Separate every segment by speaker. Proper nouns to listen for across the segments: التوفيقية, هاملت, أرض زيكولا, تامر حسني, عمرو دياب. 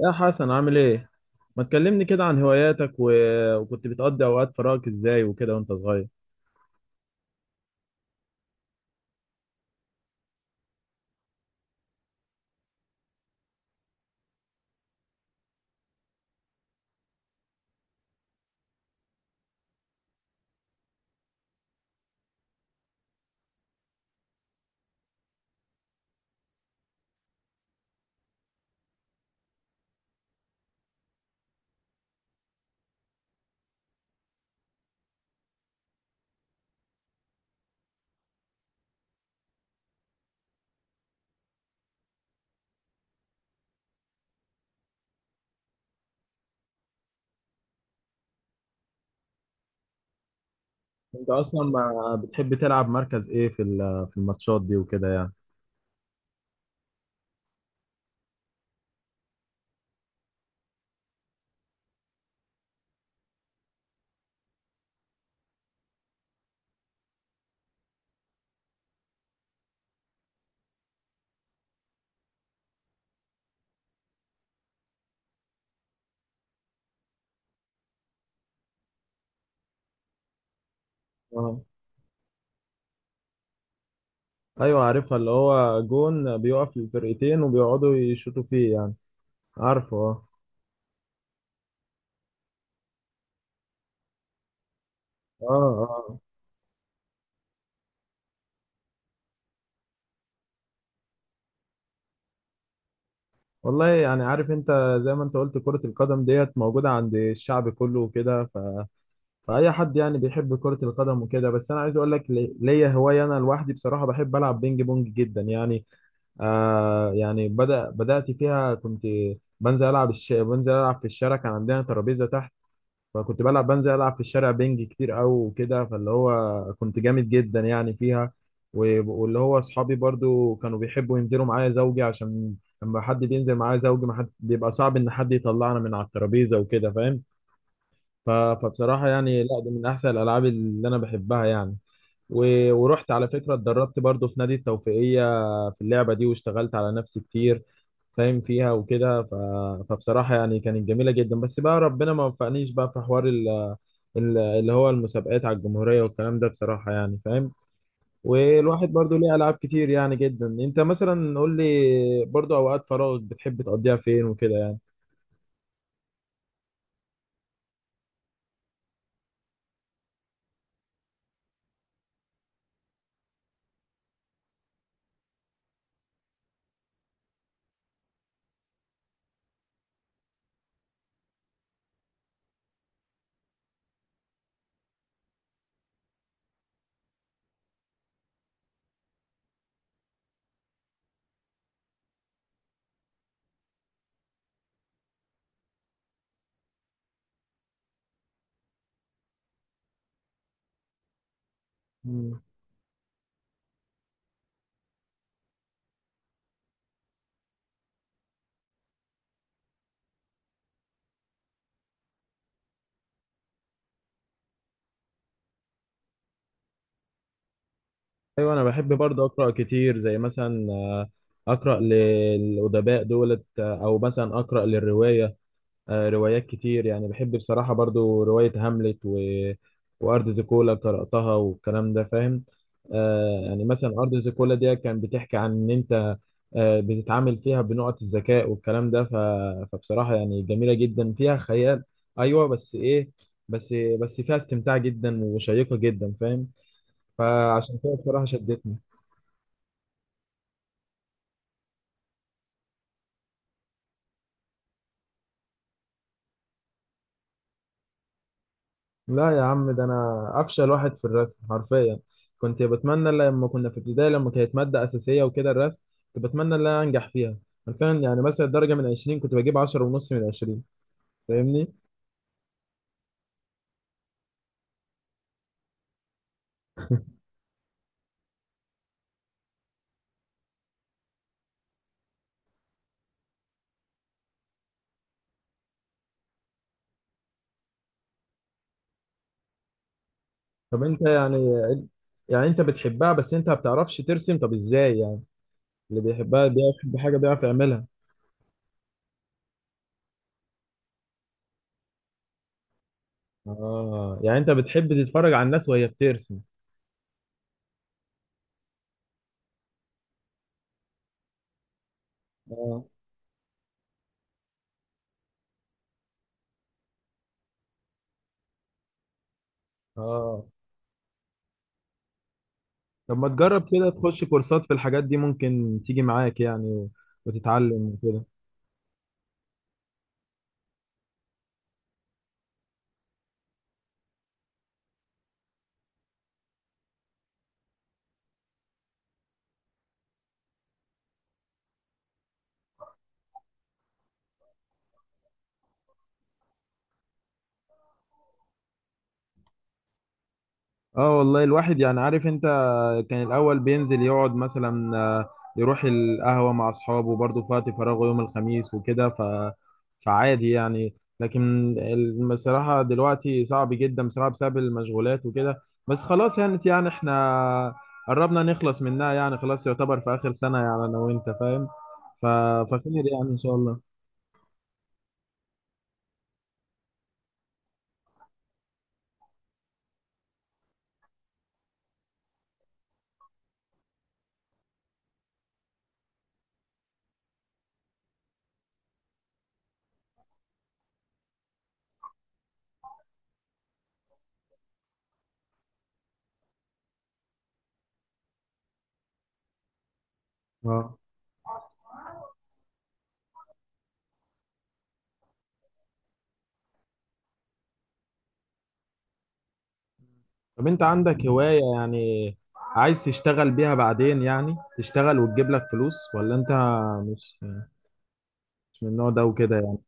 Speaker 1: يا حسن، عامل ايه؟ ما تكلمني كده عن هواياتك وكنت بتقضي اوقات فراغك ازاي وكده وانت صغير. انت اصلا ما بتحب تلعب مركز ايه في الماتشات دي وكده يعني؟ اه. ايوه، عارفها، اللي هو جون بيقف للفرقتين وبيقعدوا يشوطوا فيه يعني. عارفه، اه. اه. اه. والله يعني عارف انت، زي ما انت قلت كرة القدم ديت موجودة عند الشعب كله وكده، فأي حد يعني بيحب كرة القدم وكده. بس أنا عايز أقول لك، ليا هواية أنا لوحدي، بصراحة بحب ألعب بينج بونج جدا يعني. يعني بدأت فيها. كنت بنزل ألعب بنزل ألعب في الشارع، كان عندنا ترابيزة تحت. فكنت بلعب، بنزل ألعب في الشارع بينج كتير أوي وكده، فاللي هو كنت جامد جدا يعني فيها. واللي هو أصحابي برضو كانوا بيحبوا ينزلوا معايا زوجي، عشان لما حد بينزل معايا زوجي ما حد بيبقى، صعب إن حد يطلعنا من على الترابيزة وكده فاهم. فبصراحة يعني، لا، دي من أحسن الألعاب اللي أنا بحبها يعني. ورحت على فكرة اتدربت برضو في نادي التوفيقية في اللعبة دي، واشتغلت على نفسي كتير فاهم فيها وكده. فبصراحة يعني كانت جميلة جدا، بس بقى ربنا ما وفقنيش بقى في حوار اللي هو المسابقات على الجمهورية والكلام ده، بصراحة يعني فاهم. والواحد برضو ليه ألعاب كتير يعني جدا. انت مثلا قول لي، برضو أوقات فراغك بتحب تقضيها فين وكده يعني؟ مم. ايوه، انا بحب برضه اقرا كتير، زي مثلا اقرا للادباء دولت، او مثلا اقرا للروايه، روايات كتير يعني. بحب بصراحة برضو رواية هاملت، وأرض زيكولا قرأتها والكلام ده فاهم. آه، يعني مثلا أرض زيكولا دي كان بتحكي عن إن أنت بتتعامل فيها بنقط الذكاء والكلام ده، فبصراحة يعني جميلة جدا، فيها خيال. أيوة بس إيه، بس بس فيها استمتاع جدا وشيقة جدا فاهم، فعشان كده بصراحة شدتني. لا يا عم، ده انا افشل واحد في الرسم حرفيا. كنت بتمنى لما كنا في ابتدائي لما كانت ماده اساسيه وكده الرسم، كنت بتمنى ان انا انجح فيها. حرفيا يعني مثلا درجه من 20 كنت بجيب 10 ونص من 20، فاهمني؟ طب انت يعني انت بتحبها بس انت ما بتعرفش ترسم، طب ازاي يعني؟ اللي بيحبها بيحب حاجه بيعرف يعملها. اه، يعني انت بتحب تتفرج على الناس وهي بترسم؟ اه. اه، طب ما تجرب كده تخش كورسات في الحاجات دي، ممكن تيجي معاك يعني وتتعلم وكده. اه والله، الواحد يعني عارف انت، كان الاول بينزل يقعد مثلا، يروح القهوه مع اصحابه برضه في وقت فراغه يوم الخميس وكده، فعادي يعني. لكن بصراحه دلوقتي صعب جدا بصراحه بسبب المشغولات وكده. بس خلاص يعني، احنا قربنا نخلص منها يعني، خلاص يعتبر في اخر سنه يعني انا وانت فاهم، ف... فخير يعني ان شاء الله. اه، طب انت عندك هواية يعني عايز تشتغل بيها بعدين، يعني تشتغل وتجيب لك فلوس، ولا انت مش مش من النوع ده وكده يعني؟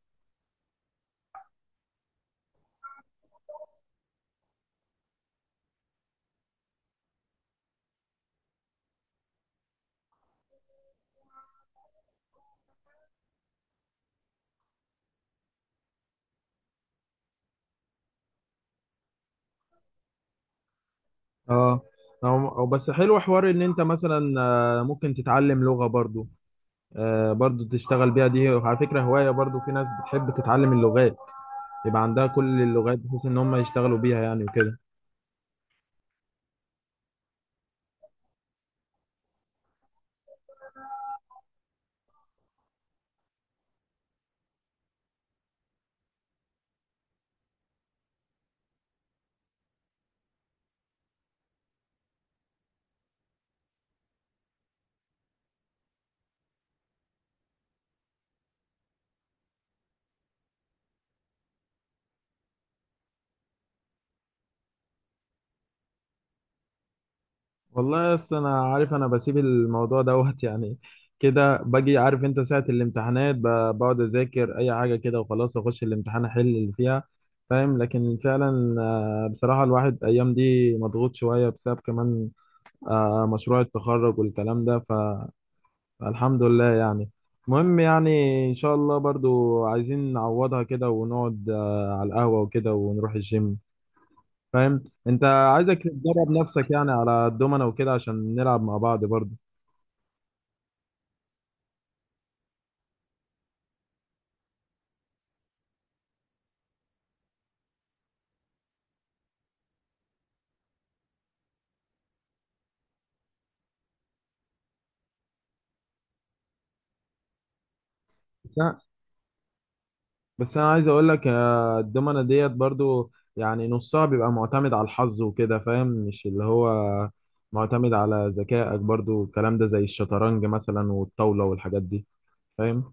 Speaker 1: اه، او بس حلو حوار ان انت مثلا، ممكن تتعلم لغة برضو، برضو تشتغل بيها. دي على فكرة هواية برضو، في ناس بتحب تتعلم اللغات يبقى عندها كل اللغات بحيث ان هم يشتغلوا بيها يعني وكده. والله اصل انا عارف، انا بسيب الموضوع دوت يعني كده. باجي عارف انت ساعة الامتحانات، بقعد اذاكر اي حاجة كده وخلاص اخش الامتحان احل اللي فيها فاهم. لكن فعلا بصراحة الواحد ايام دي مضغوط شوية، بسبب كمان مشروع التخرج والكلام ده، فالحمد لله يعني. المهم يعني، ان شاء الله برضو عايزين نعوضها كده، ونقعد على القهوة وكده، ونروح الجيم فاهم. انت عايزك تدرب نفسك يعني على الدومنة وكده عشان نلعب مع بعض برضه. بس انا بس انا عايز اقول لك، الدومنة ديت برضه يعني نصها بيبقى معتمد على الحظ وكده فاهم، مش اللي هو معتمد على ذكائك برضه والكلام ده، زي الشطرنج مثلا والطاولة والحاجات دي فاهم.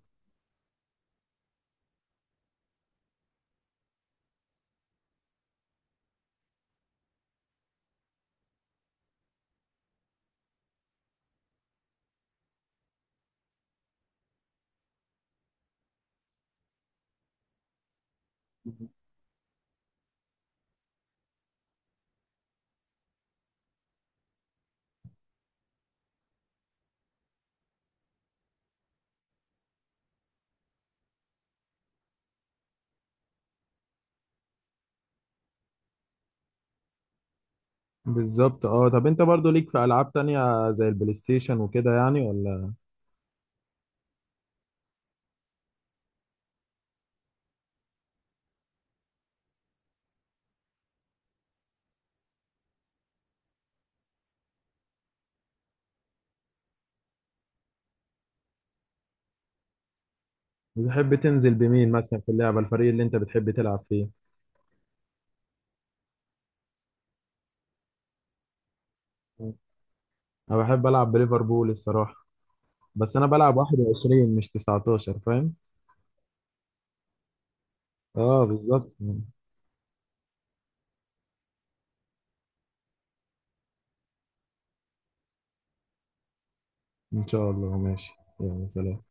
Speaker 1: بالظبط. اه، طب انت برضه ليك في العاب تانية زي البلاي ستيشن وكده يعني، ولا؟ بتحب تنزل بمين مثلا في اللعبة، الفريق اللي انت بتحب تلعب فيه؟ انا بحب العب بليفربول الصراحة، بس انا بلعب 21 مش 19 فاهم. اه بالظبط. ان شاء الله ماشي. يلا، سلام.